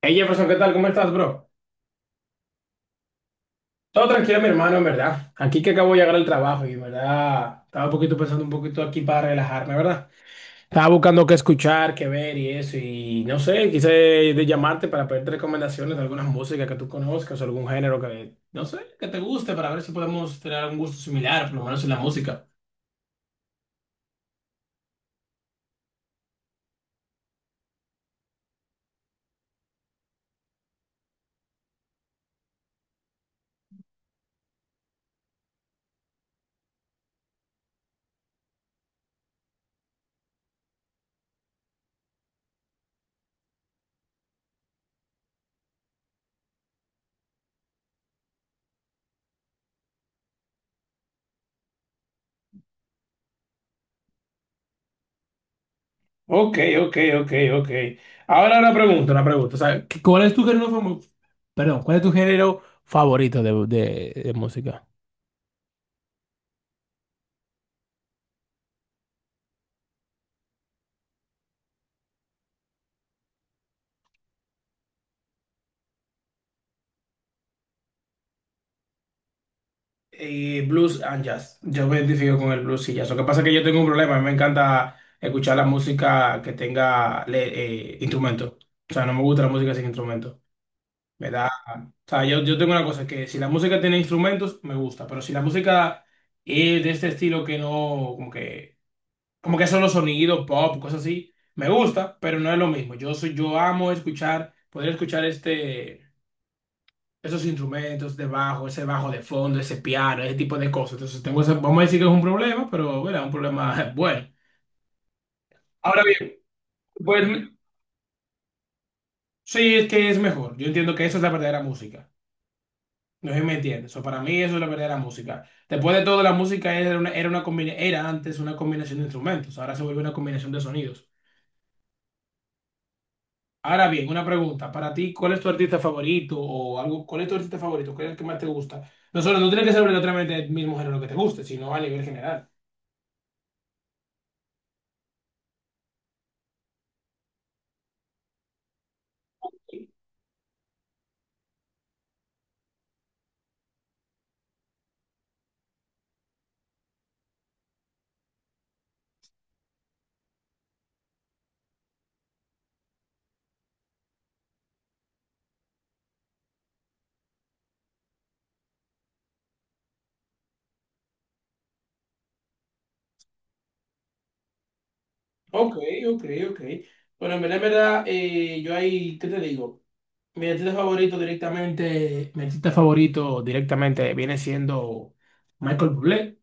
Hey Jefferson, ¿qué tal? ¿Cómo estás, bro? Todo tranquilo, mi hermano, en verdad. Aquí que acabo de llegar al trabajo y, en verdad, estaba un poquito pensando un poquito aquí para relajarme, ¿verdad? Estaba buscando qué escuchar, qué ver y eso, y no sé, quise de llamarte para pedirte recomendaciones de algunas músicas que tú conozcas o algún género que, no sé, que te guste para ver si podemos tener algún gusto similar, por lo menos en la música. Ok, ok, ok, ok. Ahora una pregunta, una pregunta. O sea, ¿cuál es tu género famo- perdón, ¿cuál es tu género favorito de, de música? Y blues and jazz. Yo me identifico con el blues y jazz. Lo que pasa es que yo tengo un problema. A mí me encanta escuchar la música que tenga instrumento. O sea, no me gusta la música sin instrumento. Me da. O sea, yo tengo una cosa que si la música tiene instrumentos, me gusta. Pero si la música es de este estilo que no, como que, como que son los sonidos pop, cosas así, me gusta, pero no es lo mismo. Yo soy, yo amo escuchar, poder escuchar esos instrumentos de bajo, ese bajo de fondo, ese piano, ese tipo de cosas. Entonces, vamos a decir que es un problema, pero bueno, un problema bueno. Ahora bien, pues sí, es que es mejor. Yo entiendo que eso es la verdadera música. No sé si me entiendes. O sea, para mí eso es la verdadera música. Después de todo, la música era una, era antes una combinación de instrumentos, ahora se vuelve una combinación de sonidos. Ahora bien, una pregunta. Para ti, ¿cuál es tu artista favorito o algo? ¿Cuál es tu artista favorito? ¿Cuál es el que más te gusta? No solo, no tiene que ser obligatoriamente el mismo género que te guste, sino a nivel general. Ok, ok, ok. Bueno, en verdad, yo ahí, ¿qué te digo? Mi artista favorito directamente, mi artista favorito directamente viene siendo Michael Bublé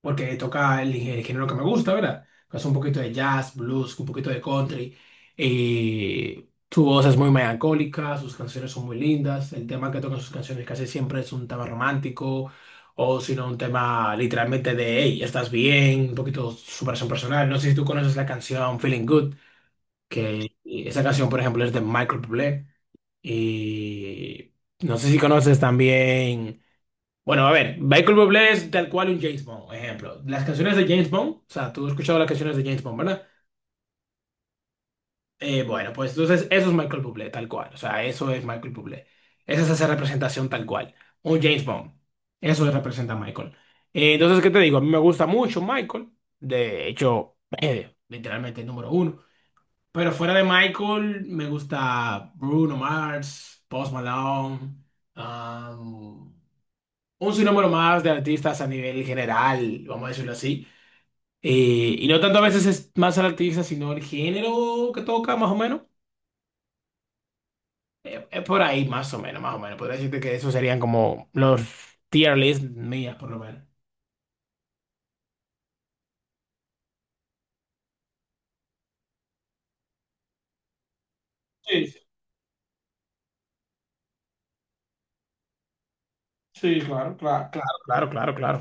porque toca el, género que me gusta, ¿verdad? Es un poquito de jazz, blues, un poquito de country. Y su voz es muy melancólica, sus canciones son muy lindas. El tema que toca en sus canciones casi siempre es un tema romántico o si no un tema literalmente de, hey, estás bien, un poquito superación personal. No sé si tú conoces la canción Feeling Good, que esa canción, por ejemplo, es de Michael Bublé. Y no sé si conoces también... Bueno, a ver, Michael Bublé es tal cual un James Bond, ejemplo. Las canciones de James Bond, o sea, tú has escuchado las canciones de James Bond, ¿verdad? Bueno, pues entonces eso es Michael Bublé, tal cual. O sea, eso es Michael Bublé. Esa es esa representación tal cual. Un James Bond. Eso le representa a Michael. Entonces, ¿qué te digo? A mí me gusta mucho Michael. De hecho, literalmente el número uno. Pero fuera de Michael, me gusta Bruno Mars, Post Malone. um, un sinnúmero más de artistas a nivel general, vamos a decirlo así. Y no tanto a veces es más el artista, sino el género que toca, más o menos. Es por ahí, más o menos, más o menos. Podría decirte que esos serían como los tier list mías, por lo menos. Sí, sí, sí, claro, claro. Claro, claro, claro, claro.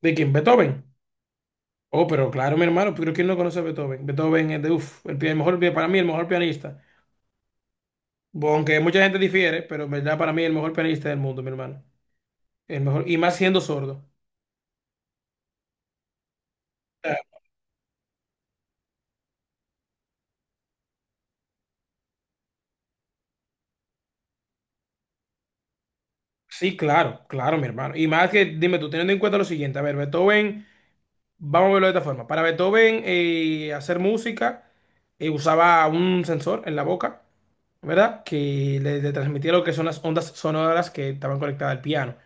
¿De quién? Beethoven. Oh, pero claro, mi hermano, pero ¿quién no conoce a Beethoven? Beethoven es de, uff, el mejor, para mí, el mejor pianista. Aunque mucha gente difiere, pero en verdad para mí el mejor pianista del mundo, mi hermano. El mejor, y más siendo sordo. Sí, claro, claro, mi hermano. Y más que, dime tú, teniendo en cuenta lo siguiente, a ver, Beethoven, vamos a verlo de esta forma. Para Beethoven, hacer música, usaba un sensor en la boca, ¿verdad? Que le transmitía lo que son las ondas sonoras que estaban conectadas al piano.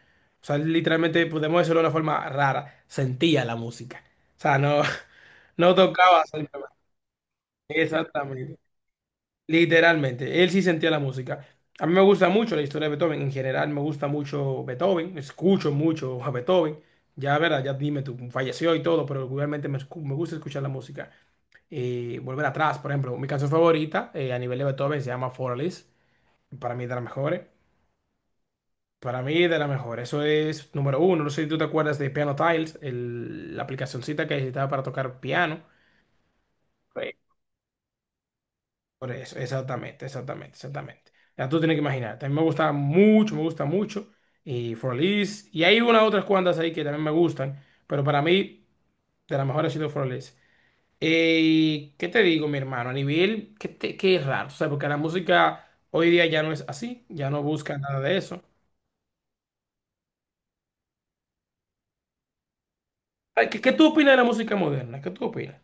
O sea, literalmente, podemos decirlo de una forma rara, sentía la música. O sea, no, no tocaba simplemente. Exactamente. Literalmente, él sí sentía la música. A mí me gusta mucho la historia de Beethoven, en general me gusta mucho Beethoven, escucho mucho a Beethoven. Ya, verdad, ya dime tú, falleció y todo, pero regularmente me gusta escuchar la música. Volver atrás, por ejemplo, mi canción favorita a nivel de Beethoven se llama Forlis, para mí de las mejores. Para mí de las mejores, eso es número uno. No sé si tú te acuerdas de Piano Tiles, la aplicacioncita que necesitaba para tocar piano. Por eso, exactamente, exactamente, exactamente. Ya tú tienes que imaginar. También me gusta mucho, me gusta mucho. Y Forlis. Y hay unas otras cuantas ahí que también me gustan. Pero para mí, de las mejores ha sido Forlis. ¿Qué te digo, mi hermano? A nivel, qué, te- Qué raro. O sea, porque la música hoy día ya no es así. Ya no busca nada de eso. Ay, ¿qué tú opinas de la música moderna? ¿Qué tú opinas?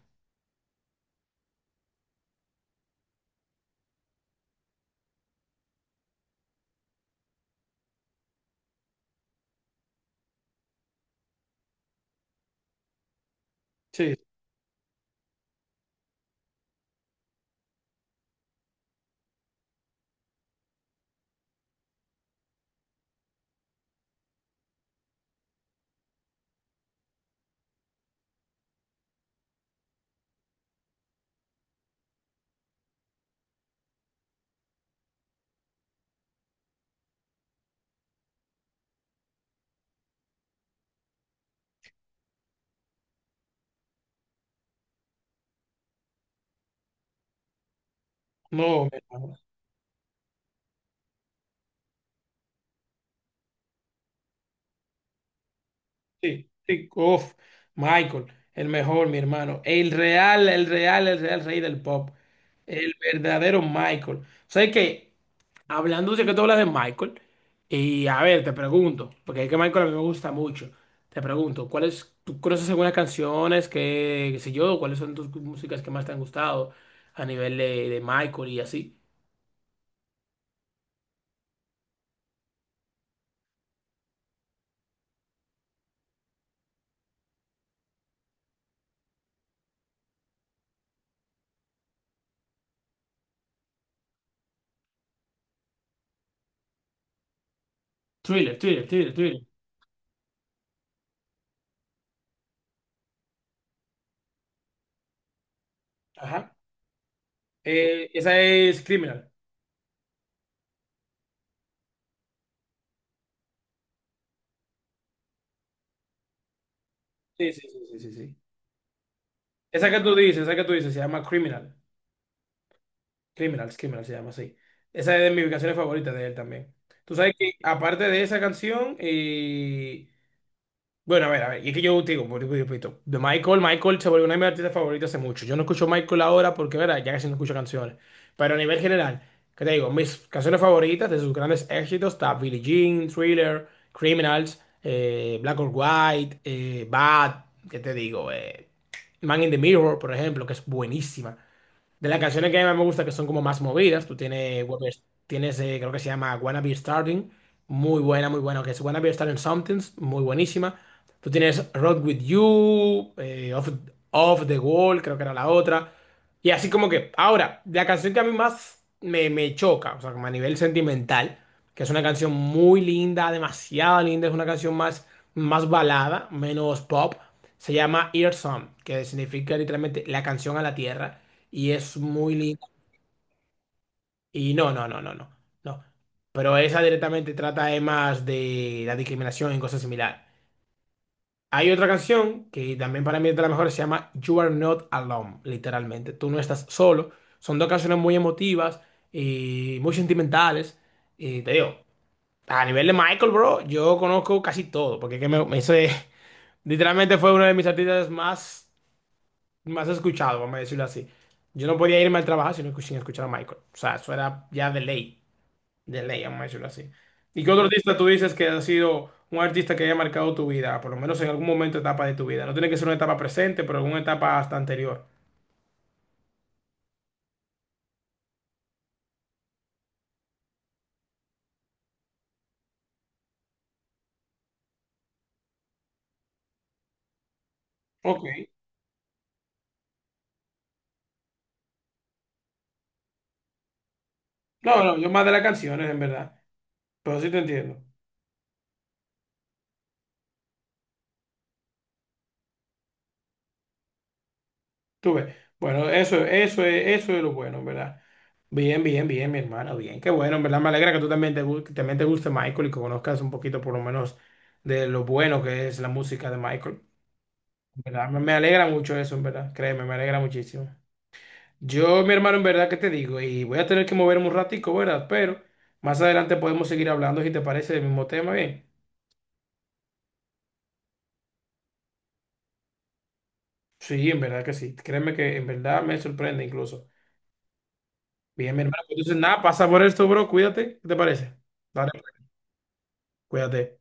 Sí. No, mi hermano. Sí, sí, uf, Michael, el mejor, mi hermano. El real, el real, el real rey del pop. El verdadero Michael. O sea que, hablando de que tú hablas de Michael, y a ver, te pregunto, porque es que Michael a mí me gusta mucho. Te pregunto, ¿tú conoces algunas canciones que, qué sé yo, cuáles son tus músicas que más te han gustado a nivel de Michael y así? Thriller, thriller, thriller, thriller. Ajá. Esa es Criminal. Sí, sí, sí, sí, sí, sí. Esa que tú dices, esa que tú dices, se llama Criminal. Criminals, Criminal se llama así. Esa es de mis canciones favoritas de él también. Tú sabes que, aparte de esa canción, y. Bueno, a ver, y es que yo te digo, vuelvo y repito, de Michael, Michael se volvió una de mis artistas favoritos hace mucho. Yo no escucho Michael ahora porque, verdad, ya casi no escucho canciones. Pero a nivel general, ¿qué te digo? Mis canciones favoritas de sus grandes éxitos está Billie Jean, Thriller, Criminals, Black or White, Bad, ¿qué te digo? Man in the Mirror, por ejemplo, que es buenísima. De las canciones que más me gusta, que son como más movidas, tú tienes, creo que se llama Wanna Be Starting, muy buena, que es Wanna Be Starting Somethings, muy buenísima. Tú tienes Road With You, Off the Wall, creo que era la otra. Y así como que, ahora, la canción que a mí más me choca, o sea, como a nivel sentimental, que es una canción muy linda, demasiado linda, es una canción más, más balada, menos pop, se llama Ear Song, que significa literalmente la canción a la tierra y es muy linda. Y no, no, no, no, no, no. Pero esa directamente trata más de la discriminación y cosas similares. Hay otra canción que también para mí es de las mejores, se llama You Are Not Alone, literalmente. Tú no estás solo. Son dos canciones muy emotivas y muy sentimentales. Y te digo, a nivel de Michael, bro, yo conozco casi todo, porque es que literalmente fue uno de mis artistas más más escuchado, vamos a decirlo así. Yo no podía irme al trabajo sin escuchar a Michael. O sea, eso era ya de ley, vamos a decirlo así. ¿Y qué otro artista tú dices que ha sido un artista que haya marcado tu vida, por lo menos en algún momento, etapa de tu vida? No tiene que ser una etapa presente, pero alguna etapa hasta anterior. Ok. No, no, yo más de las canciones, en verdad. Pero sí te entiendo. Tú ves. Bueno, eso, eso es lo bueno, ¿verdad? Bien, bien, bien, mi hermano, bien. Qué bueno, en ¿verdad? Me alegra que tú también que también te guste Michael y que conozcas un poquito, por lo menos, de lo bueno que es la música de Michael, ¿verdad? Me alegra mucho eso, en ¿verdad? Créeme, me alegra muchísimo. Yo, mi hermano, en verdad, ¿qué te digo? Y voy a tener que moverme un ratico, ¿verdad? Pero más adelante podemos seguir hablando, si te parece, del mismo tema, bien. Sí, en verdad que sí. Créeme que en verdad me sorprende incluso. Bien, mi hermano, pues, entonces, nada, pasa por esto, bro. Cuídate. ¿Qué te parece? Dale. Cuídate.